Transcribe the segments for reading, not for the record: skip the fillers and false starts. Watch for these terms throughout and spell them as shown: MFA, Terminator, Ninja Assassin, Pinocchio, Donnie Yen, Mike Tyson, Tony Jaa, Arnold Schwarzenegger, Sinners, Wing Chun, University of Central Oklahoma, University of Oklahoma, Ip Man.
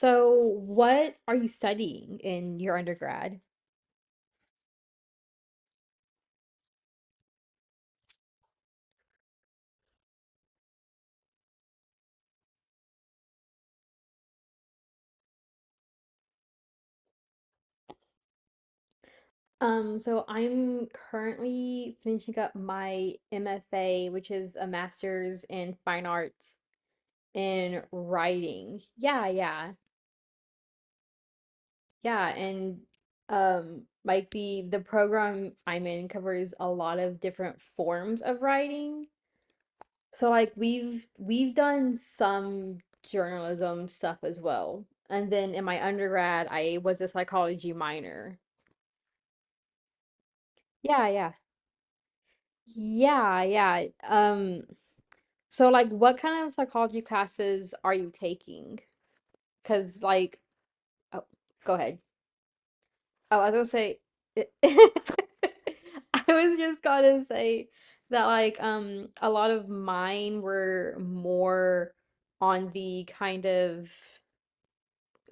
So, what are you studying in your undergrad? So I'm currently finishing up my MFA, which is a master's in fine arts in writing. Yeah, yeah, yeah. And might be the program I'm in covers a lot of different forms of writing. So like we've done some journalism stuff as well. And then in my undergrad, I was a psychology minor. Yeah, yeah. Yeah, yeah. Um, so like what kind of psychology classes are you taking? 'Cause like oh, go ahead. Oh, I was gonna say I was just gonna say that like a lot of mine were more on the kind of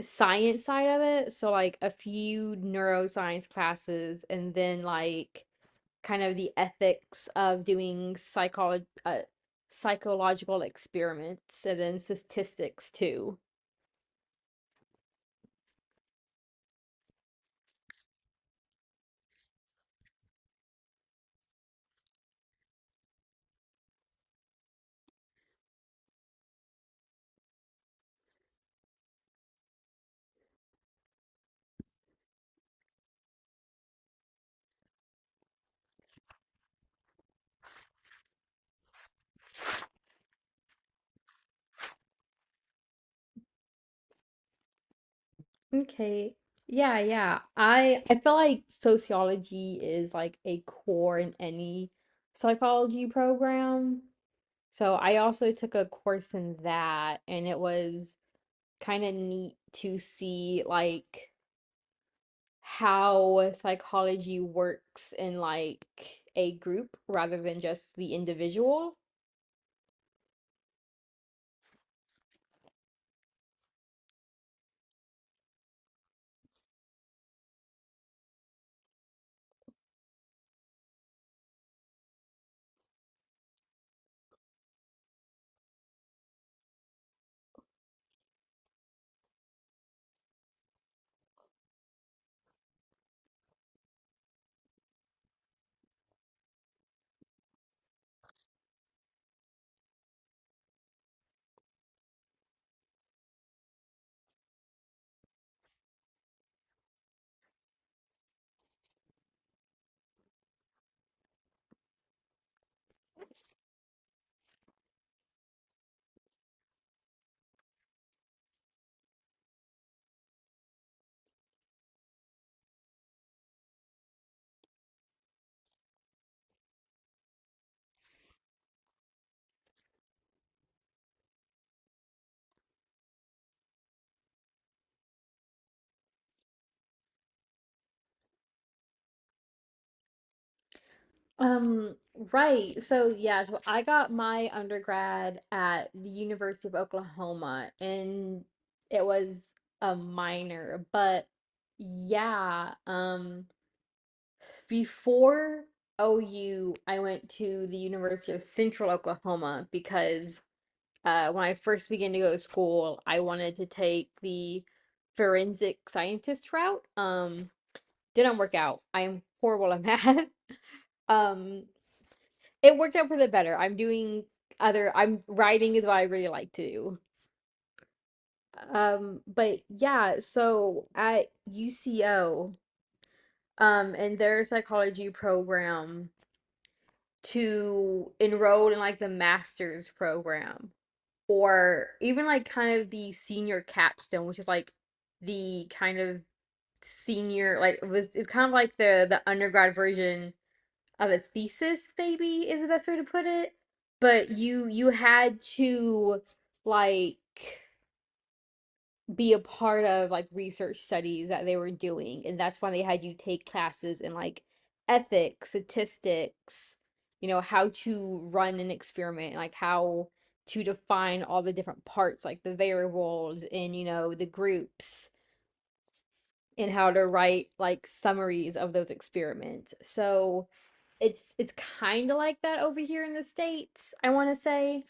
science side of it. So like a few neuroscience classes and then like kind of the ethics of doing psychological experiments and then statistics too. Okay. Yeah, yeah. I feel like sociology is like a core in any psychology program. So I also took a course in that, and it was kind of neat to see like how psychology works in like a group rather than just the individual. Um, right. So yeah, so I got my undergrad at the University of Oklahoma, and it was a minor, but yeah, before OU, I went to the University of Central Oklahoma because when I first began to go to school, I wanted to take the forensic scientist route. Didn't work out. I am horrible at math. Um, it worked out for the better. I'm doing I'm writing is what I really like to do. But yeah, so at UCO, in their psychology program, to enroll in like the master's program or even like kind of the senior capstone, which is like the kind of senior like was it's kind of like the undergrad version of a thesis, maybe, is the best way to put it, but you had to like be a part of like research studies that they were doing, and that's why they had you take classes in like ethics, statistics, you know, how to run an experiment, like how to define all the different parts, like the variables, and you know, the groups, and how to write like summaries of those experiments. So it's kind of like that over here in the States, I want to say.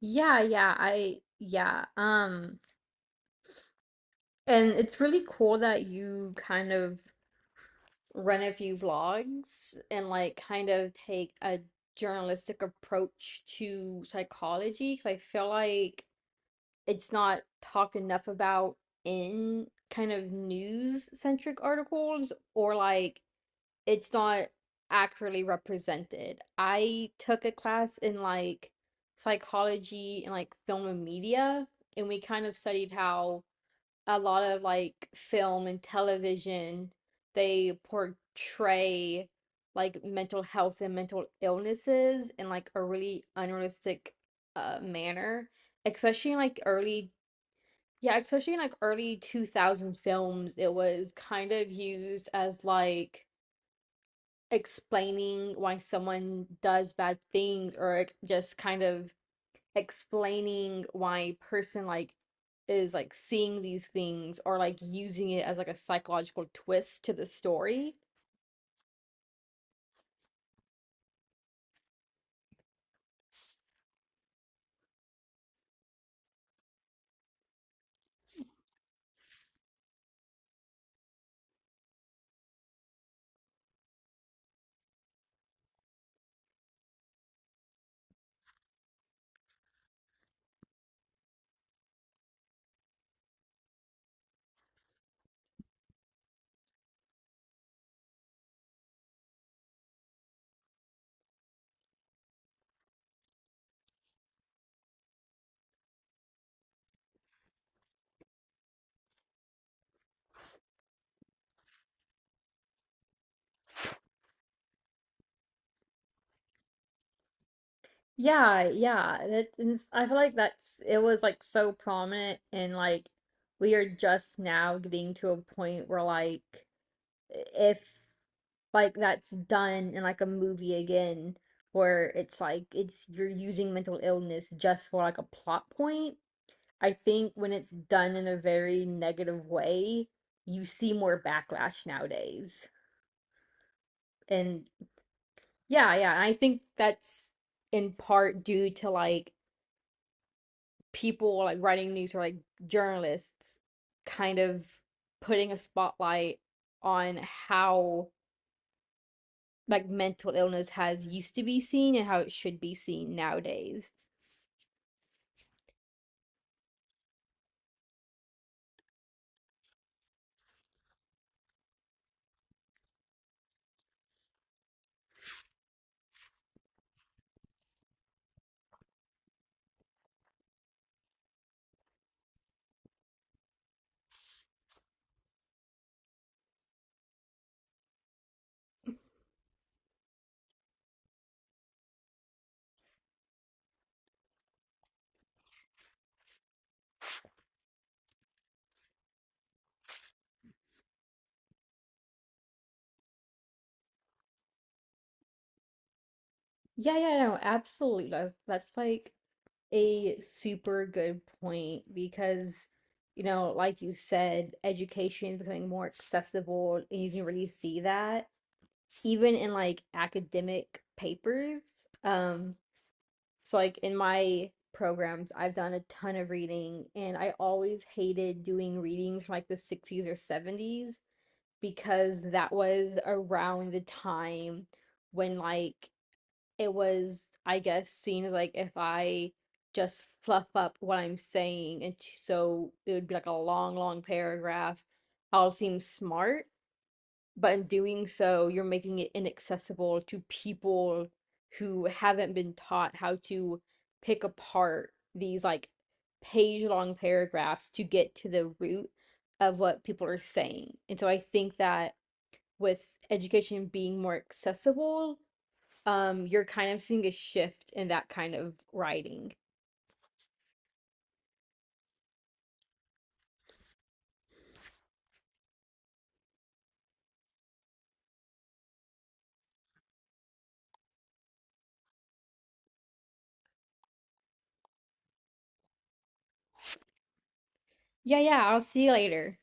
Yeah, yeah, I yeah. And it's really cool that you kind of run a few vlogs and like kind of take a journalistic approach to psychology, 'cause I feel like it's not talked enough about in kind of news centric articles, or like it's not accurately represented. I took a class in like psychology and like film and media, and we kind of studied how a lot of like film and television, they portray like mental health and mental illnesses in like a really unrealistic manner, especially in like early yeah, especially in like early 2000 films, it was kind of used as like explaining why someone does bad things, or like, just kind of explaining why a person like is like seeing these things, or like using it as like a psychological twist to the story. Yeah, yeah. That is, I feel like that's it was like so prominent, and like we are just now getting to a point where like if like that's done in like a movie again, where it's like it's you're using mental illness just for like a plot point. I think when it's done in a very negative way, you see more backlash nowadays. And yeah, yeah, and I think that's in part due to like people like writing news or like journalists kind of putting a spotlight on how like mental illness has used to be seen and how it should be seen nowadays. Yeah, yeah, no, absolutely. That's like a super good point, because you know, like you said, education is becoming more accessible, and you can really see that even in like academic papers. Um, so like in my programs, I've done a ton of reading, and I always hated doing readings from like the '60s or '70s, because that was around the time when like it was, I guess, seen as like, if I just fluff up what I'm saying and so it would be like a long long paragraph, I'll seem smart, but in doing so you're making it inaccessible to people who haven't been taught how to pick apart these like page long paragraphs to get to the root of what people are saying. And so I think that with education being more accessible, you're kind of seeing a shift in that kind of writing. Yeah, yeah, I'll see you later.